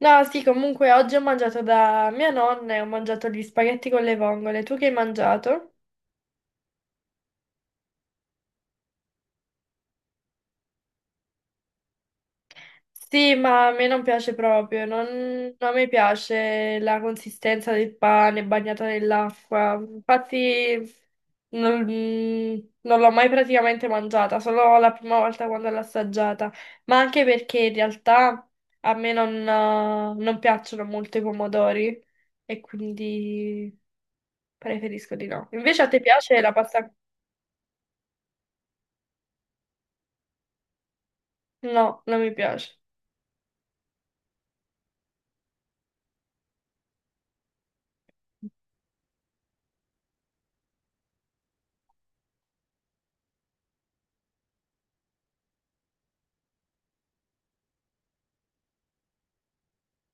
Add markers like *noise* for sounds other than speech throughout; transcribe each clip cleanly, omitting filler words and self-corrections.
No, sì, comunque oggi ho mangiato da mia nonna e ho mangiato gli spaghetti con le vongole. Tu che hai mangiato? Sì, ma a me non piace proprio, non mi piace la consistenza del pane bagnato nell'acqua. Infatti non l'ho mai praticamente mangiata, solo la prima volta quando l'ho assaggiata. Ma anche perché in realtà a me non piacciono molto i pomodori e quindi preferisco di no. Invece a te piace la pasta? No, non mi piace.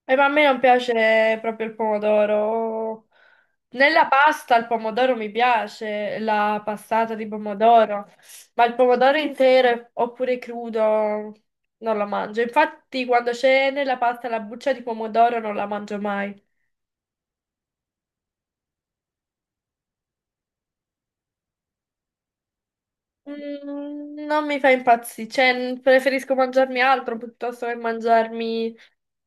E ma a me non piace proprio il pomodoro. Nella pasta il pomodoro mi piace, la passata di pomodoro, ma il pomodoro intero oppure crudo non lo mangio. Infatti, quando c'è nella pasta la buccia di pomodoro non la mangio mai. Mm, non mi fa impazzire, cioè preferisco mangiarmi altro piuttosto che mangiarmi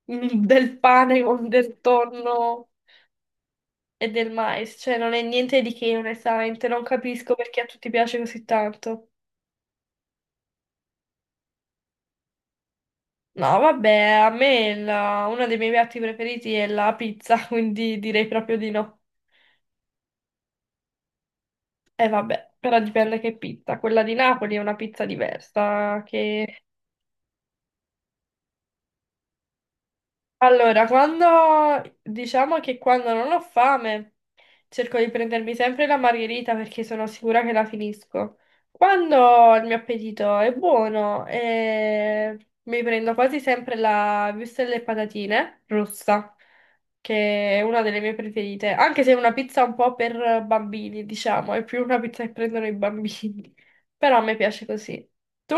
*laughs* del pane con del tonno e del mais, cioè non è niente di che, onestamente, non capisco perché a tutti piace così tanto. No, vabbè, a me uno dei miei piatti preferiti è la pizza, *laughs* quindi direi proprio di no. E vabbè, però dipende che pizza. Quella di Napoli è una pizza diversa, che Allora, quando diciamo che quando non ho fame, cerco di prendermi sempre la margherita perché sono sicura che la finisco. Quando il mio appetito è buono, mi prendo quasi sempre la wurstel e patatine rossa, che è una delle mie preferite, anche se è una pizza un po' per bambini, diciamo, è più una pizza che prendono i bambini, *laughs* però a me piace così. Tu?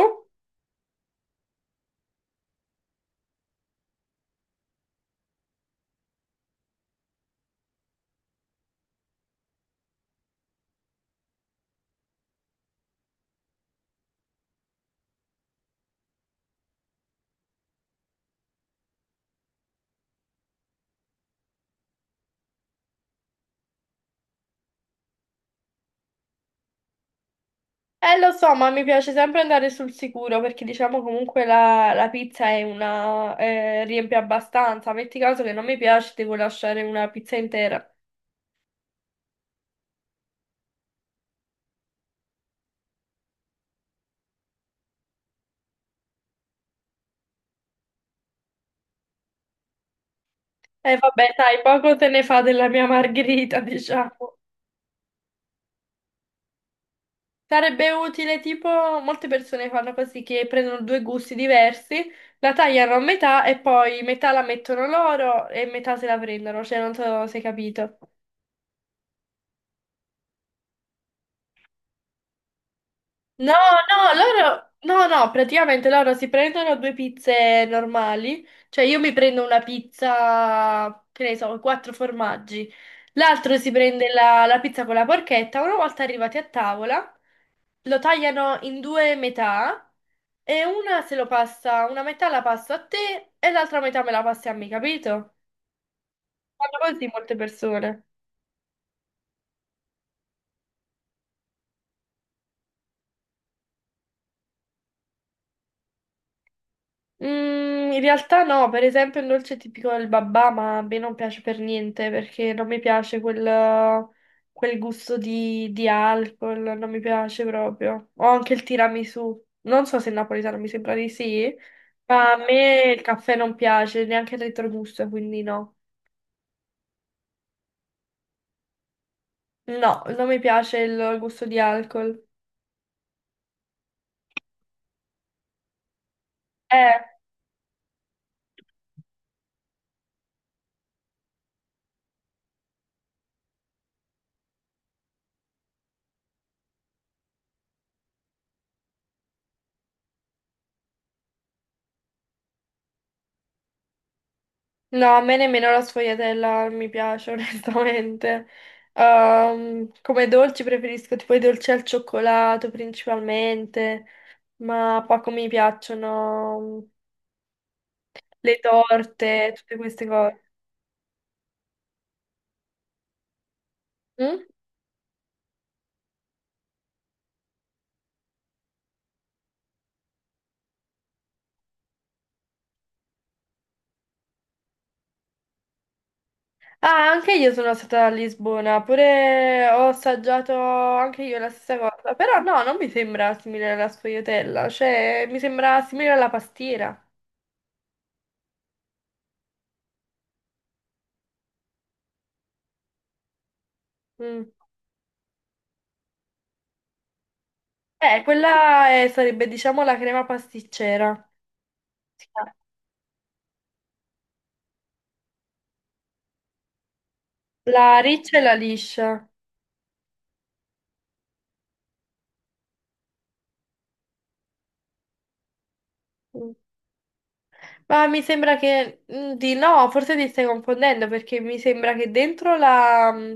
Lo so, ma mi piace sempre andare sul sicuro perché diciamo comunque la pizza è una, riempie abbastanza. Metti caso che non mi piace, devo lasciare una pizza intera. E vabbè, dai, poco te ne fa della mia margherita, *laughs* diciamo. Sarebbe utile, tipo, molte persone fanno così che prendono due gusti diversi, la tagliano a metà e poi metà la mettono loro e metà se la prendono, cioè non so se hai capito. No, no, loro, no, no, praticamente loro si prendono due pizze normali, cioè io mi prendo una pizza, che ne so, quattro formaggi, l'altro si prende la pizza con la porchetta, una volta arrivati a tavola lo tagliano in due metà e una se lo passa, una metà la passo a te e l'altra metà me la passi a me, capito? Fanno così molte persone. Mm, in realtà no, per esempio il dolce tipico del babà, ma a me non piace per niente perché non mi piace quel gusto di alcol, non mi piace proprio. O anche il tiramisù, non so se è napoletano, mi sembra di sì, ma a me il caffè non piace, neanche il retrogusto, quindi no. No, non mi piace il gusto di alcol. Eh. No, a me nemmeno la sfogliatella mi piace, *laughs* onestamente. Come dolci preferisco tipo i dolci al cioccolato principalmente, ma poco mi piacciono le torte, tutte queste cose. Mm? Ah, anche io sono stata a Lisbona, pure ho assaggiato anche io la stessa cosa, però no, non mi sembra simile alla sfogliatella, cioè mi sembra simile alla pastiera. Mm. Quella sarebbe diciamo la crema pasticcera. La riccia e la liscia. Mm. Ma mi sembra che di no, forse ti stai confondendo perché mi sembra che dentro la, mm,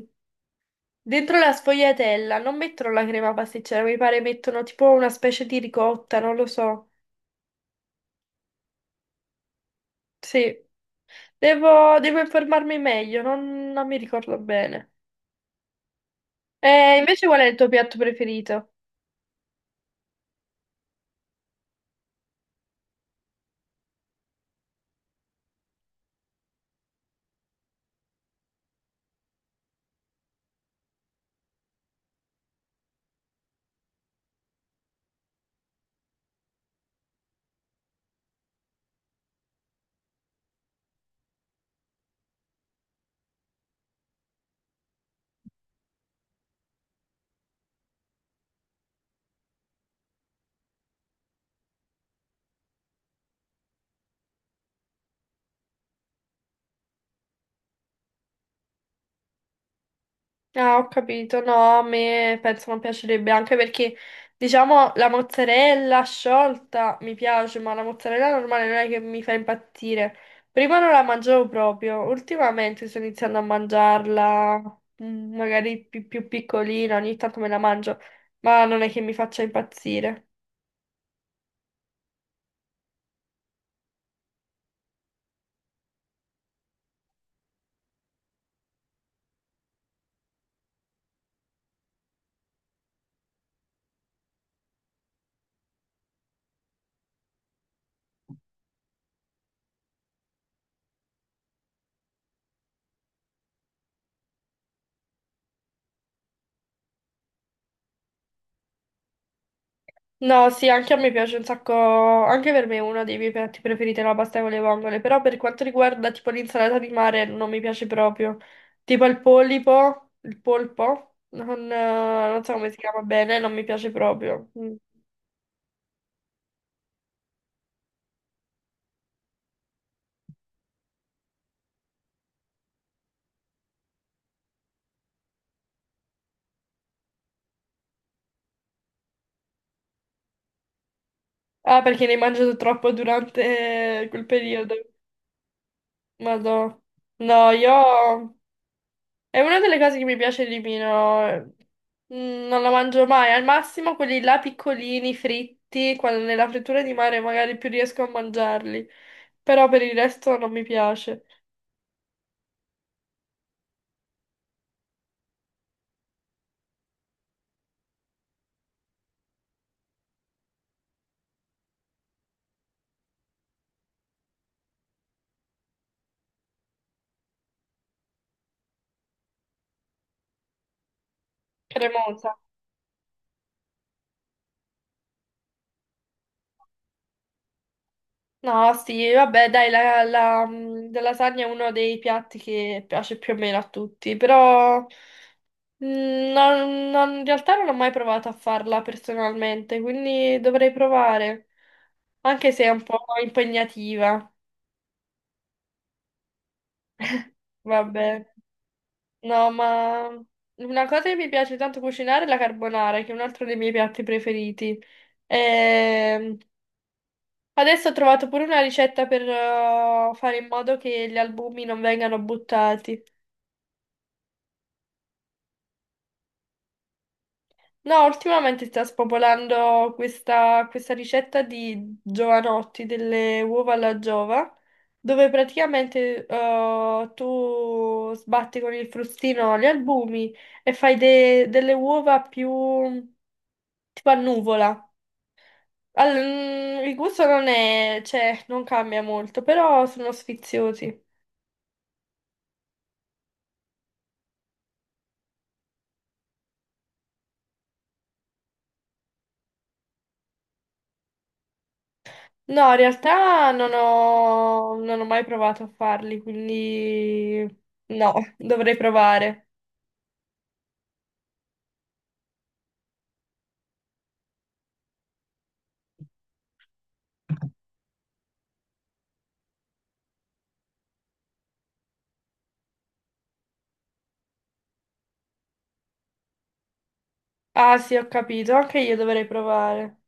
dentro la sfogliatella non mettono la crema pasticcera, mi pare mettono tipo una specie di ricotta, non lo so. Sì, devo informarmi meglio, non mi ricordo bene. E invece qual è il tuo piatto preferito? Ah, ho capito, no, a me penso non piacerebbe, anche perché, diciamo, la mozzarella sciolta mi piace, ma la mozzarella normale non è che mi fa impazzire. Prima non la mangiavo proprio, ultimamente sto iniziando a mangiarla, magari più, piccolina, ogni tanto me la mangio, ma non è che mi faccia impazzire. No, sì, anche a me piace un sacco, anche per me è uno dei miei piatti preferiti la pasta con le vongole, però per quanto riguarda tipo l'insalata di mare non mi piace proprio, tipo il polipo, il polpo, non so come si chiama bene, non mi piace proprio. Mm. Ah, perché ne hai mangiato troppo durante quel periodo, madò. No, io È una delle cose che mi piace di meno. Non la mangio mai. Al massimo quelli là piccolini, fritti, quando nella frittura di mare magari più riesco a mangiarli. Però per il resto non mi piace. Cremosa. No, sì, vabbè, dai, la lasagna è uno dei piatti che piace più o meno a tutti, però in realtà non ho mai provato a farla personalmente, quindi dovrei provare, anche se è un po' impegnativa. Vabbè, no, ma una cosa che mi piace tanto cucinare è la carbonara, che è un altro dei miei piatti preferiti. Ehm, Adesso ho trovato pure una ricetta per fare in modo che gli albumi non vengano buttati. No, ultimamente sta spopolando questa, ricetta di giovanotti, delle uova alla giova, dove praticamente tu sbatti con il frustino gli albumi e fai delle uova più tipo a nuvola. Il gusto non è, cioè, non cambia molto, però sono sfiziosi. No, in realtà non ho mai provato a farli, quindi no, dovrei provare. Ah sì, ho capito, anche io dovrei provare.